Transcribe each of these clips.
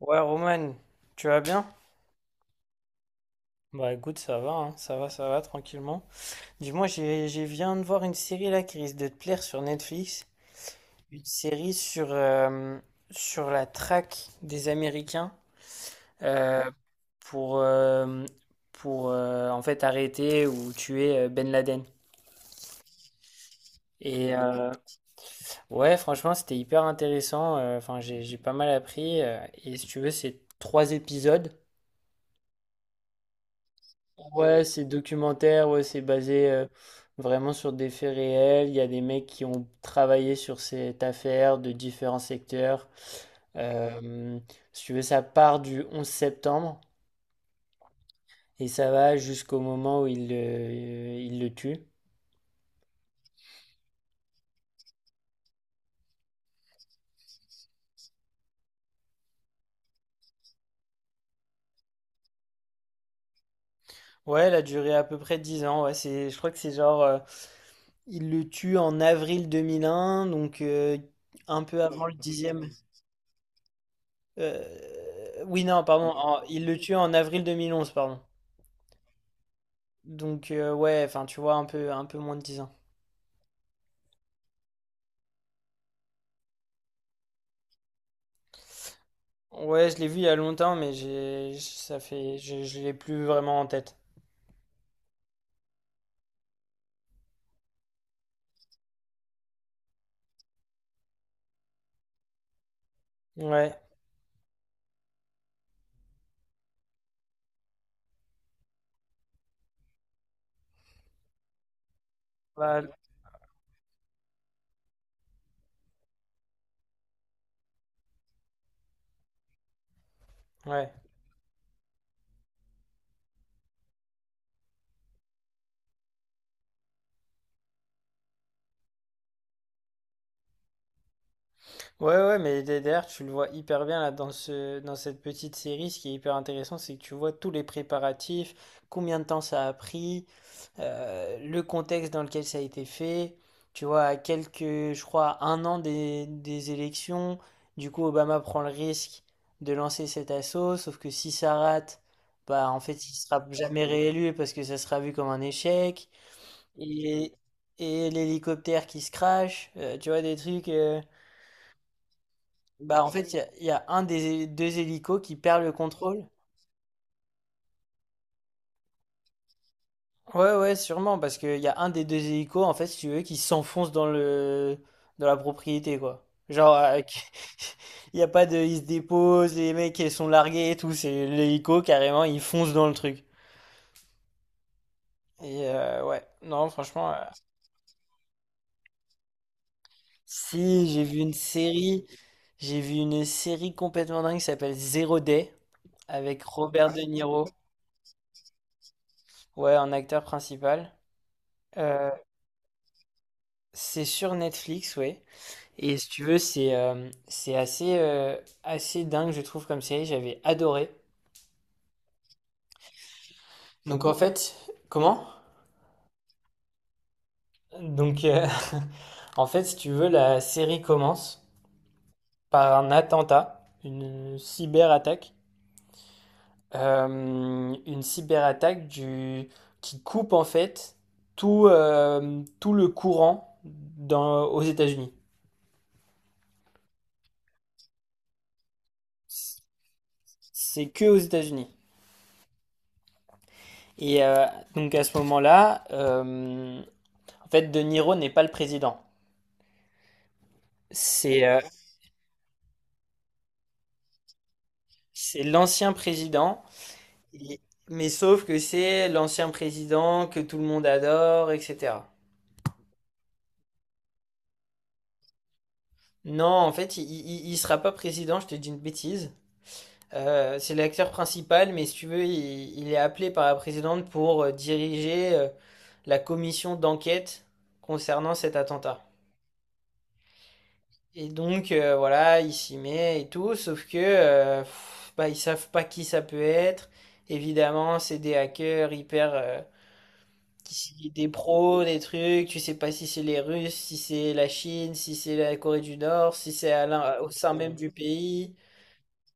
Ouais, Roman, tu vas bien? Bah écoute, ça va, hein, ça va, tranquillement. Dis-moi, j'ai viens de voir une série là qui risque de te plaire sur Netflix. Une série sur la traque des Américains euh, pour, en fait arrêter ou tuer Ben Laden. Et ouais, franchement, c'était hyper intéressant. Enfin, j'ai pas mal appris. Et si tu veux, c'est trois épisodes. Ouais, c'est documentaire, ouais, c'est basé vraiment sur des faits réels. Il y a des mecs qui ont travaillé sur cette affaire de différents secteurs. Euh, si tu veux, ça part du 11 septembre et ça va jusqu'au moment où il le tue. Ouais, elle a duré à peu près 10 ans. Ouais, je crois que c'est genre, il le tue en avril 2001, donc un peu avant le dixième. Oui, non, pardon, il le tue en avril 2011, pardon. Donc ouais, enfin tu vois un peu moins de 10 ans. Ouais, je l'ai vu il y a longtemps mais j'ai ça fait je l'ai plus vraiment en tête. Ouais. Bah, ouais. Ouais ouais, mais derrière tu le vois hyper bien là dans ce dans cette petite série, ce qui est hyper intéressant, c'est que tu vois tous les préparatifs, combien de temps ça a pris, le contexte dans lequel ça a été fait. Tu vois, à quelques, je crois, 1 an des élections, du coup, Obama prend le risque de lancer cet assaut, sauf que si ça rate, bah, en fait, il sera jamais réélu parce que ça sera vu comme un échec. Et, et l'hélicoptère qui se crache, tu vois, des trucs. Bah, en fait, il y a un des deux hélicos qui perd le contrôle. Ouais, ouais, sûrement, parce qu'il y a un des deux hélicos, en fait, si tu veux, qui s'enfonce dans la propriété, quoi. Genre, il y a pas de... Ils se déposent, les mecs, ils sont largués et tout, c'est l'hélico, carrément, il fonce dans le truc. Et ouais, non, franchement, si, j'ai vu une série complètement dingue qui s'appelle Zero Day, avec Robert De Niro, ouais, en acteur principal. Euh, c'est sur Netflix, oui. Et si tu veux, c'est assez, assez dingue, je trouve, comme série. J'avais adoré. Donc en fait, comment? Donc en fait, si tu veux, la série commence par un attentat, une cyberattaque, du qui coupe en fait tout le courant aux États-Unis. C'est que aux États-Unis. Et donc à ce moment-là, en fait, De Niro n'est pas le président. C'est euh, C'est l'ancien président, et- mais sauf que c'est l'ancien président que tout le monde adore, etc. Non, en fait, il sera pas président, je te dis une bêtise. C'est l'acteur principal, mais si tu veux, il est appelé par la présidente pour diriger la commission d'enquête concernant cet attentat. Et donc, voilà, il s'y met et tout, sauf que bah, ils savent pas qui ça peut être. Évidemment, c'est des hackers hyper, des pros, des trucs, tu sais pas si c'est les Russes, si c'est la Chine, si c'est la Corée du Nord, si c'est au sein même du pays,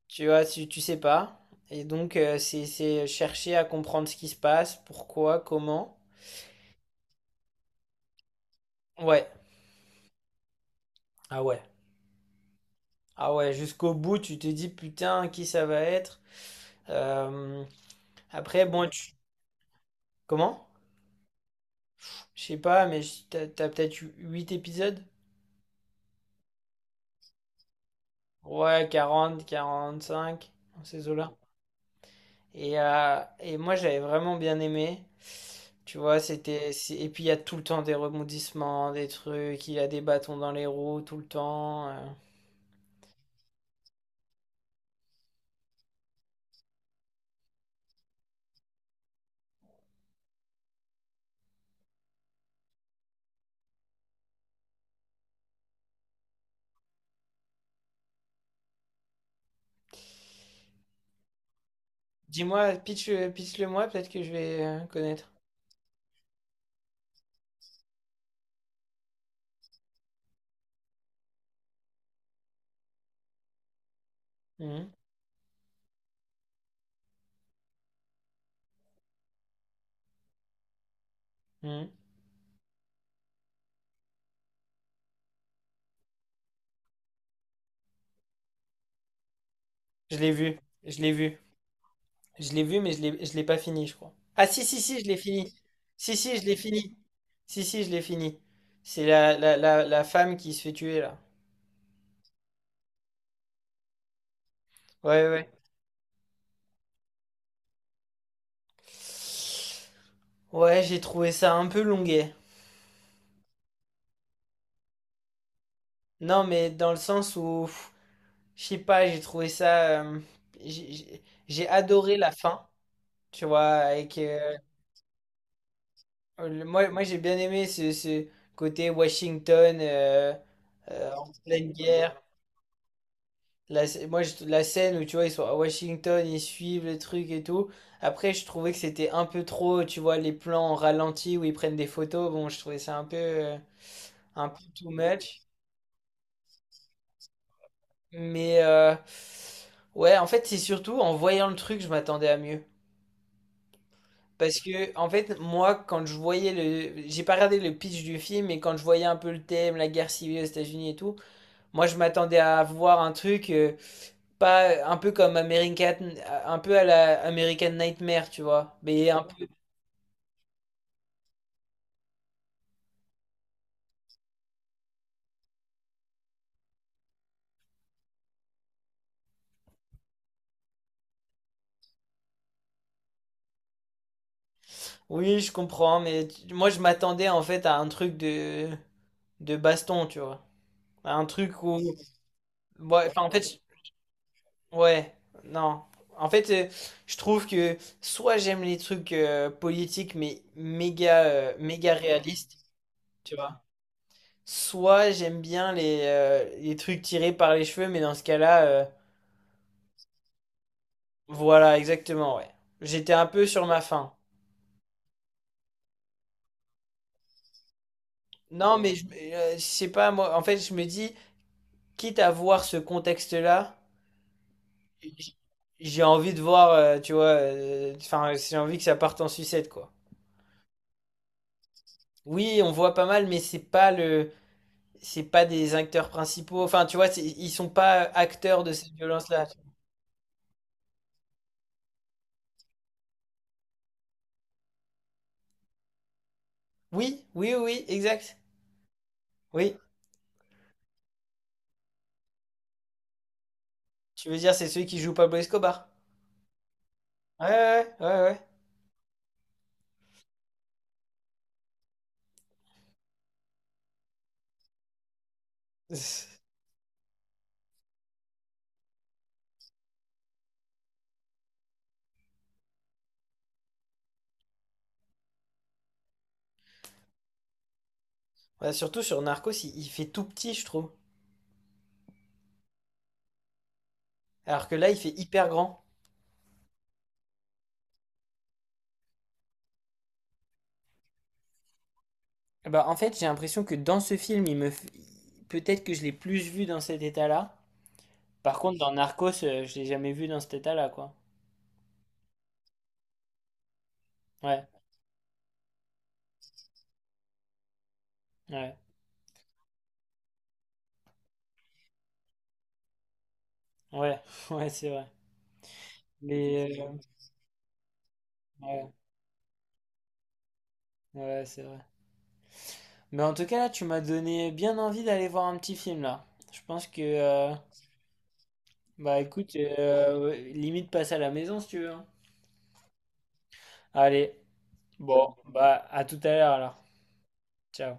tu vois, tu sais pas. Et donc, c'est chercher à comprendre ce qui se passe, pourquoi, comment. Ouais, ah ouais, ah ouais, jusqu'au bout, tu te dis putain, qui ça va être. Euh, Après, bon, tu... Comment? Je sais pas, mais t'as peut-être 8 épisodes? Ouais, 40 45, dans ces eaux. Et moi, j'avais vraiment bien aimé. Tu vois, Et puis, il y a tout le temps des rebondissements, des trucs, il y a des bâtons dans les roues tout le temps. Dis-moi, pitch, le moi, peut-être que je vais connaître. Mhm, mhm. Je l'ai vu, je l'ai vu. Je l'ai vu, mais je l'ai pas fini, je crois. Ah, si, si, si, je l'ai fini. Si, si, je l'ai fini. Si, si, je l'ai fini. C'est la femme qui se fait tuer, là. Ouais, ouais. Ouais, j'ai trouvé ça un peu longuet. Non, mais dans le sens où, je sais pas, j'ai trouvé ça. J'ai adoré la fin, tu vois. Avec, moi j'ai bien aimé ce côté Washington en pleine guerre. La, sc- moi, je- la scène où, tu vois, ils sont à Washington, ils suivent le truc et tout. Après, je trouvais que c'était un peu trop, tu vois, les plans en ralenti où ils prennent des photos. Bon, je trouvais ça un peu too much. Mais, ouais, en fait, c'est surtout en voyant le truc, je m'attendais à mieux. Parce que, en fait, moi, quand je voyais le. J'ai pas regardé le pitch du film, mais quand je voyais un peu le thème, la guerre civile aux États-Unis et tout, moi, je m'attendais à voir un truc. Pas un peu comme American. Un peu à la American Nightmare, tu vois. Mais un peu. Oui, je comprends, mais moi, je m'attendais, en fait, à un truc de. De baston, tu vois. À un truc où. Ouais, enfin, en fait, ouais, non. En fait, je trouve que soit j'aime les trucs politiques mais méga, méga réalistes, soit j'aime bien les trucs tirés par les cheveux, mais dans ce cas-là, voilà, exactement, ouais. J'étais un peu sur ma faim. Non, mais je sais pas, moi, en fait, je me dis, quitte à voir ce contexte-là, j- j'ai envie de voir, tu vois, enfin, j'ai envie que ça parte en sucette, quoi. Oui, on voit pas mal, mais c'est pas des acteurs principaux. Enfin, tu vois, ils sont pas acteurs de ces violences-là. Oui, oui, oui, oui, exact. Oui, tu veux dire, c'est celui qui joue Pablo Escobar. Ouais, ouais, ouais, ouais, ouais. Ouais, surtout sur Narcos, il fait tout petit, je trouve. Alors que là, il fait hyper grand. Bah, en fait, j'ai l'impression que dans ce film, peut-être que je l'ai plus vu dans cet état-là. Par contre, dans Narcos, je l'ai jamais vu dans cet état-là, quoi. Ouais, ouais, ouais, ouais, c'est vrai. Mais, ouais, ouais, c'est vrai. Mais en tout cas, là, tu m'as donné bien envie d'aller voir un petit film, là. Je pense que, bah écoute, limite passe à la maison si tu veux, hein. Allez, bon, bah à tout à l'heure alors. Ciao.